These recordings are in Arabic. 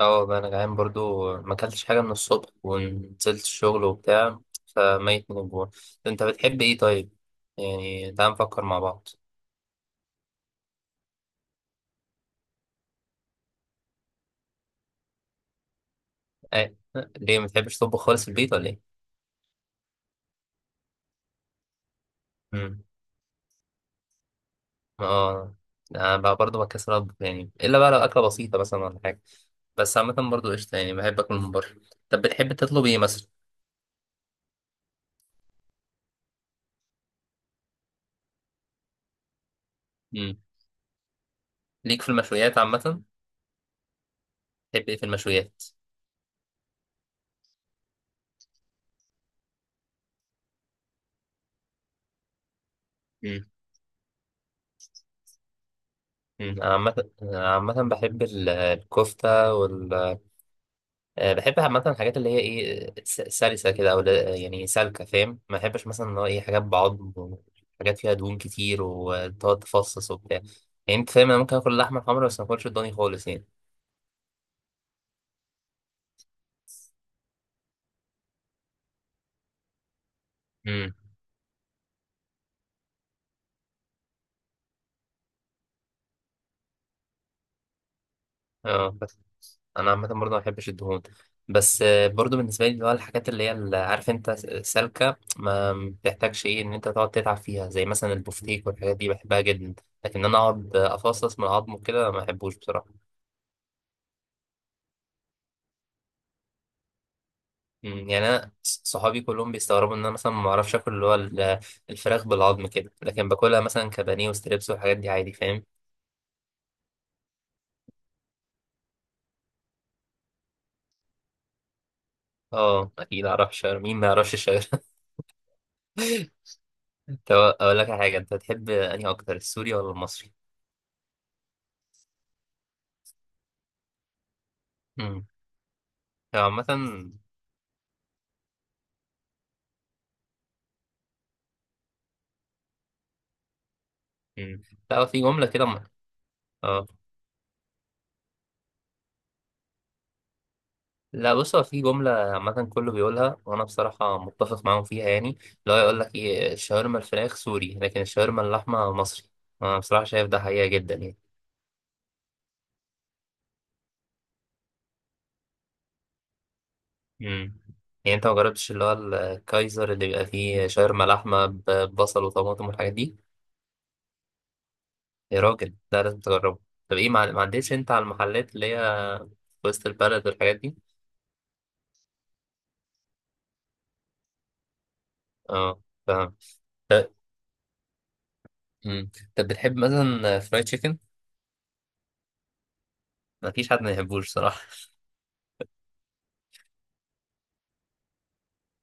اه والله انا جعان برضو ما اكلتش حاجه من الصبح ونزلت الشغل وبتاع، فميت من الجوع. انت بتحب ايه طيب؟ يعني تعال نفكر مع بعض. أه. ليه ما بتحبش تطبخ خالص في البيت ولا ايه؟ امم اه انا بقى برضو بكسر اطبخ، يعني الا بقى لو اكله بسيطه مثلا ولا حاجه، بس عامه برضو قشطه يعني بحب اكل من بره. طب بتحب تطلب ايه مثلا؟ امم ليك في المشويات عامه. بتحب ايه في المشويات؟ امم أمم. انا عامه، أنا عامه بحب الكفته. بحب عامة الحاجات اللي هي ايه، سلسة كده او يعني سالكة، فاهم؟ ما بحبش مثلا اللي هو ايه، حاجات بعض، حاجات فيها دهون كتير وتقعد تفصص وبتاع. يعني انت فاهم، انا ممكن اكل اللحمة الحمرا بس ما اكلش الضاني خالص يعني. امم اه بس انا عامة برضه ما بحبش الدهون، بس برضه بالنسبة لي اللي هو الحاجات اللي هي اللي عارف انت، سالكة، ما بتحتاجش ايه ان انت تقعد تتعب فيها، زي مثلا البفتيك والحاجات دي بحبها جدا، لكن انا اقعد افصص من العظم وكده ما بحبوش بصراحة. يعني انا صحابي كلهم بيستغربوا ان انا مثلا ما اعرفش اكل اللي هو الفراخ بالعظم كده، لكن باكلها مثلا كبانيه وستريبس والحاجات دي عادي فاهم. اه اكيد اعرف شاورما، مين ما يعرفش الشاورما؟ طب اقول لك على حاجه، انت تحب انهي اكتر، السوري ولا المصري؟ امم عامه. مم. لا هو في جمله كده اه. لا بص، هو في جمله عامه كله بيقولها وانا بصراحه متفق معاهم فيها، يعني اللي هو يقول لك ايه، الشاورما الفراخ سوري، لكن الشاورما اللحمه مصري. انا بصراحه شايف ده حقيقه جدا يعني. مم. يعني انت ما جربتش اللي هو الكايزر اللي بيبقى فيه شاورما لحمه ببصل وطماطم والحاجات دي؟ يا راجل ده لازم تجربه. طب ايه، ما عدتش انت على المحلات اللي هي في وسط البلد والحاجات دي؟ اه فاهم. طب. مم. طب بتحب مثلا فرايد تشيكن؟ مفيش حد ما يحبوش صراحه.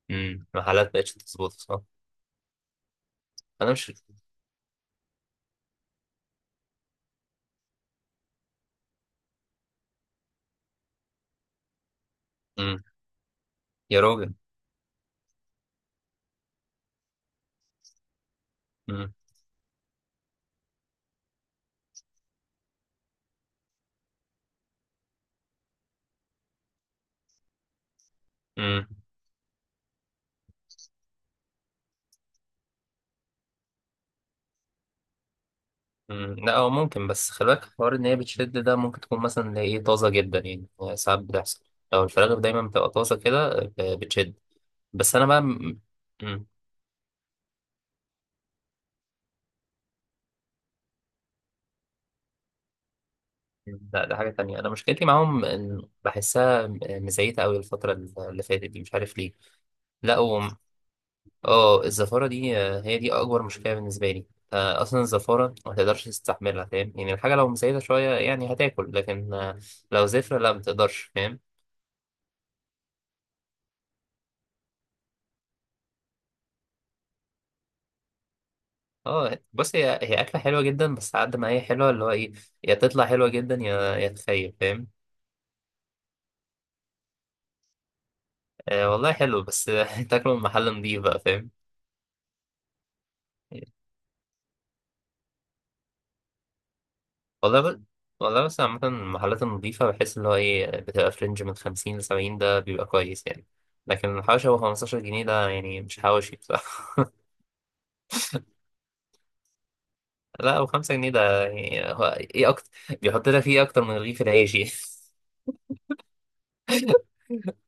مم. المحلات مبقتش تظبط، صح. انا مش. مم. يا راجل. مم. مم. مم، لا هو ممكن، بس خلي بالك حوار، ان هي بتشد ده ممكن تكون مثلا اللي هي ايه، طازه جدا، يعني هو ساعات بتحصل، لو الفراخ دايما بتبقى طازه كده بتشد. بس انا بقى مم، لا ده حاجه تانية. انا مشكلتي معاهم إن بحسها مزيته قوي، الفتره اللي فاتت دي، مش عارف ليه. لا اه، الزفاره دي هي دي اكبر مشكله بالنسبه لي. اصلا الزفاره ما تقدرش تستحملها، فاهم يعني؟ الحاجه لو مزيته شويه يعني هتاكل، لكن لو زفره لا، ما تقدرش، فاهم؟ اه بص، هي اكله حلوه جدا، بس على قد ما هي حلوه اللي هو ايه، يا تطلع حلوه جدا، يا تخيب، فاهم. والله حلو، بس تاكله من محل نضيف بقى فاهم. والله والله بس عامه المحلات النضيفه بحس اللي هو ايه بتبقى في رينج من 50 ل 70، ده بيبقى كويس يعني، لكن الحواشي هو 15 جنيه، ده يعني مش حواشي بصراحه. لا 5 جنيه ده يعني هو ايه اكتر، بيحط لك فيه اكتر من رغيف العيش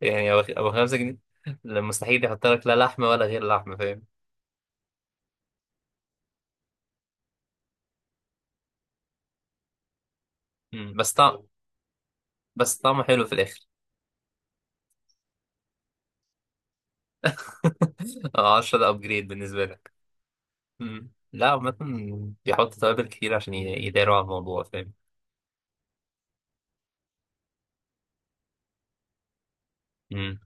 يعني. هو 5 جنيه. لا، مستحيل يحط لك لا لحمه ولا غير لحمه، فاهم. مم، بس طعم بس طعمه حلو في الاخر. 10 ده ابجريد بالنسبه لك. مم. لا عامة بيحط توابل كتير عشان يداروا على الموضوع، فاهم. مم.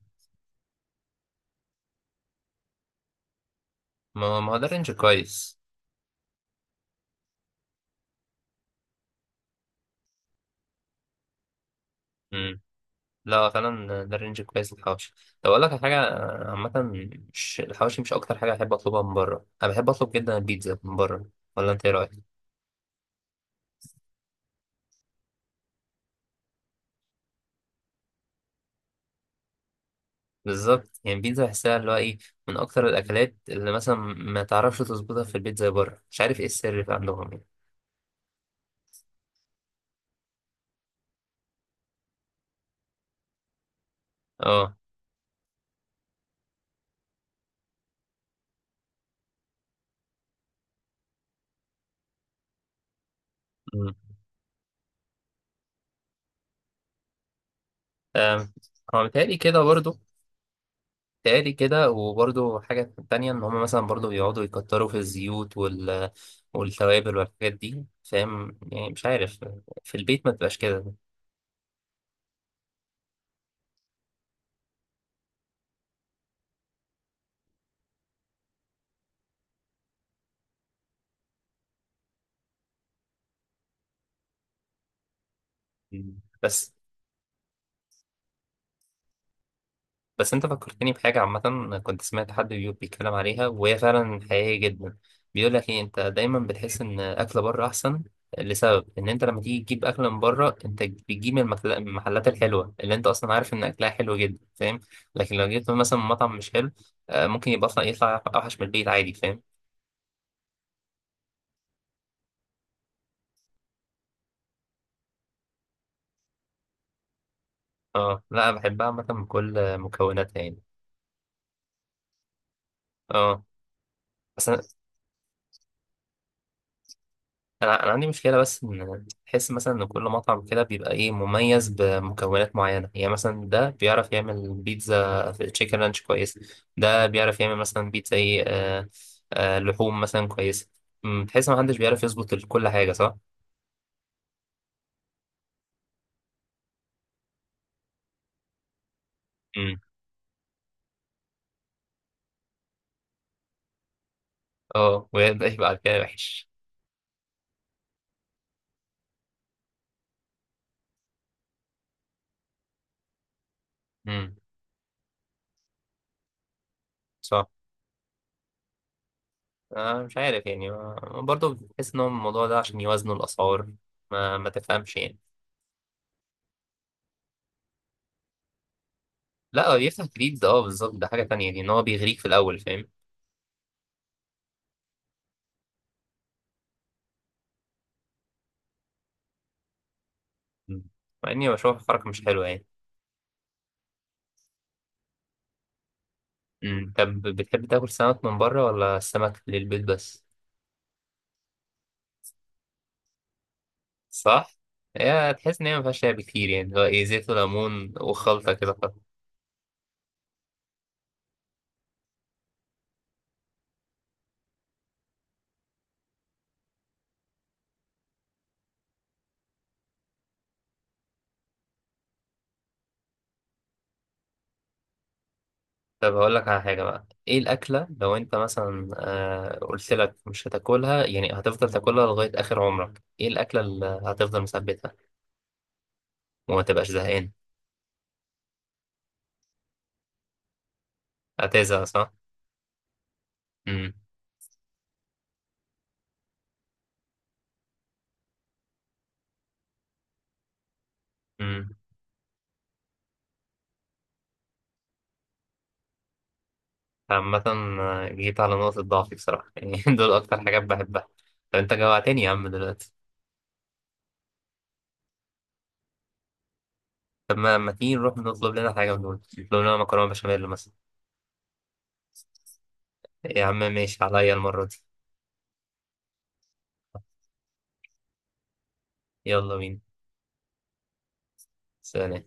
ما هو ده رينج كويس. مم. لا فعلا ده رينج كويس للحواوشي. طب اقول لك على حاجه، عامة، مش الحواوشي مش اكتر حاجه احب اطلبها من بره، انا بحب اطلب جدا البيتزا من بره، ولا انت ايه رايك؟ بالظبط، يعني البيتزا بحسها اللي هو ايه، من اكتر الاكلات اللي مثلا ما تعرفش تظبطها في البيت زي بره، مش عارف ايه السر في عندهم يعني. اه. آم، هو متهيألي كده برضه. متهيألي كده، وبرضه حاجة تانية إن هما مثلا برضه بيقعدوا يكتروا في الزيوت والتوابل والحاجات دي، فاهم يعني، مش عارف، في البيت ما تبقاش كده. مم. بس بس انت فكرتني بحاجة عامة، كنت سمعت حد بيتكلم عليها وهي فعلا حقيقية جدا. بيقول لك ايه، انت دايما بتحس ان اكل بره احسن، لسبب ان انت لما تيجي تجيب اكل من بره انت بتجيب من من المحلات الحلوة اللي انت اصلا عارف ان اكلها حلو جدا، فاهم. لكن لو جبت مثلا من مطعم مش حلو، ممكن يبقى اصلا يطلع اوحش من البيت عادي فاهم. اه لا أنا بحبها عامة بكل مكوناتها يعني. اه بس انا عندي مشكله بس ان تحس مثلا ان كل مطعم كده بيبقى ايه، مميز بمكونات معينه، يعني مثلا ده بيعرف يعمل بيتزا في تشيكن رانش كويس، ده بيعرف يعمل مثلا بيتزا ايه، لحوم مثلا كويسه. تحس ما حدش بيعرف يظبط كل حاجه، صح. امم اه وده يبقى على كده وحش. امم صح. مش عارف يعني، برضه بحس ان هو الموضوع ده عشان يوازنوا الاسعار، ما تفهمش يعني. لا هو بيفتح جديد اه بالظبط، ده حاجه تانية يعني، ان هو بيغريك في الاول، فاهم. مم. مع اني بشوف الحركة مش حلوة يعني. مم. طب بتحب تاكل سمك من بره ولا السمك للبيت بس؟ صح. هي تحس ان هي مفيهاش لعب كتير، يعني اللي هو ايه زيت وليمون وخلطة كده خلاص. طب هقول لك على حاجة بقى، ايه الأكلة لو انت مثلا، آه قلت لك مش هتاكلها، يعني هتفضل تاكلها لغاية آخر عمرك، ايه الأكلة اللي هتفضل مثبتها وما تبقاش زهقان؟ هتزهق صح؟ مم. مم. عامة جيت على نقطة ضعفي بصراحة يعني. دول أكتر حاجات بحبها. طب انت جوعتني يا عم دلوقتي. طب ما ما تيجي نروح نطلب لنا حاجة من دول، نطلب لنا مكرونة بشاميل مثلا. يا عم ماشي عليا المرة دي. يلا بينا. سلام.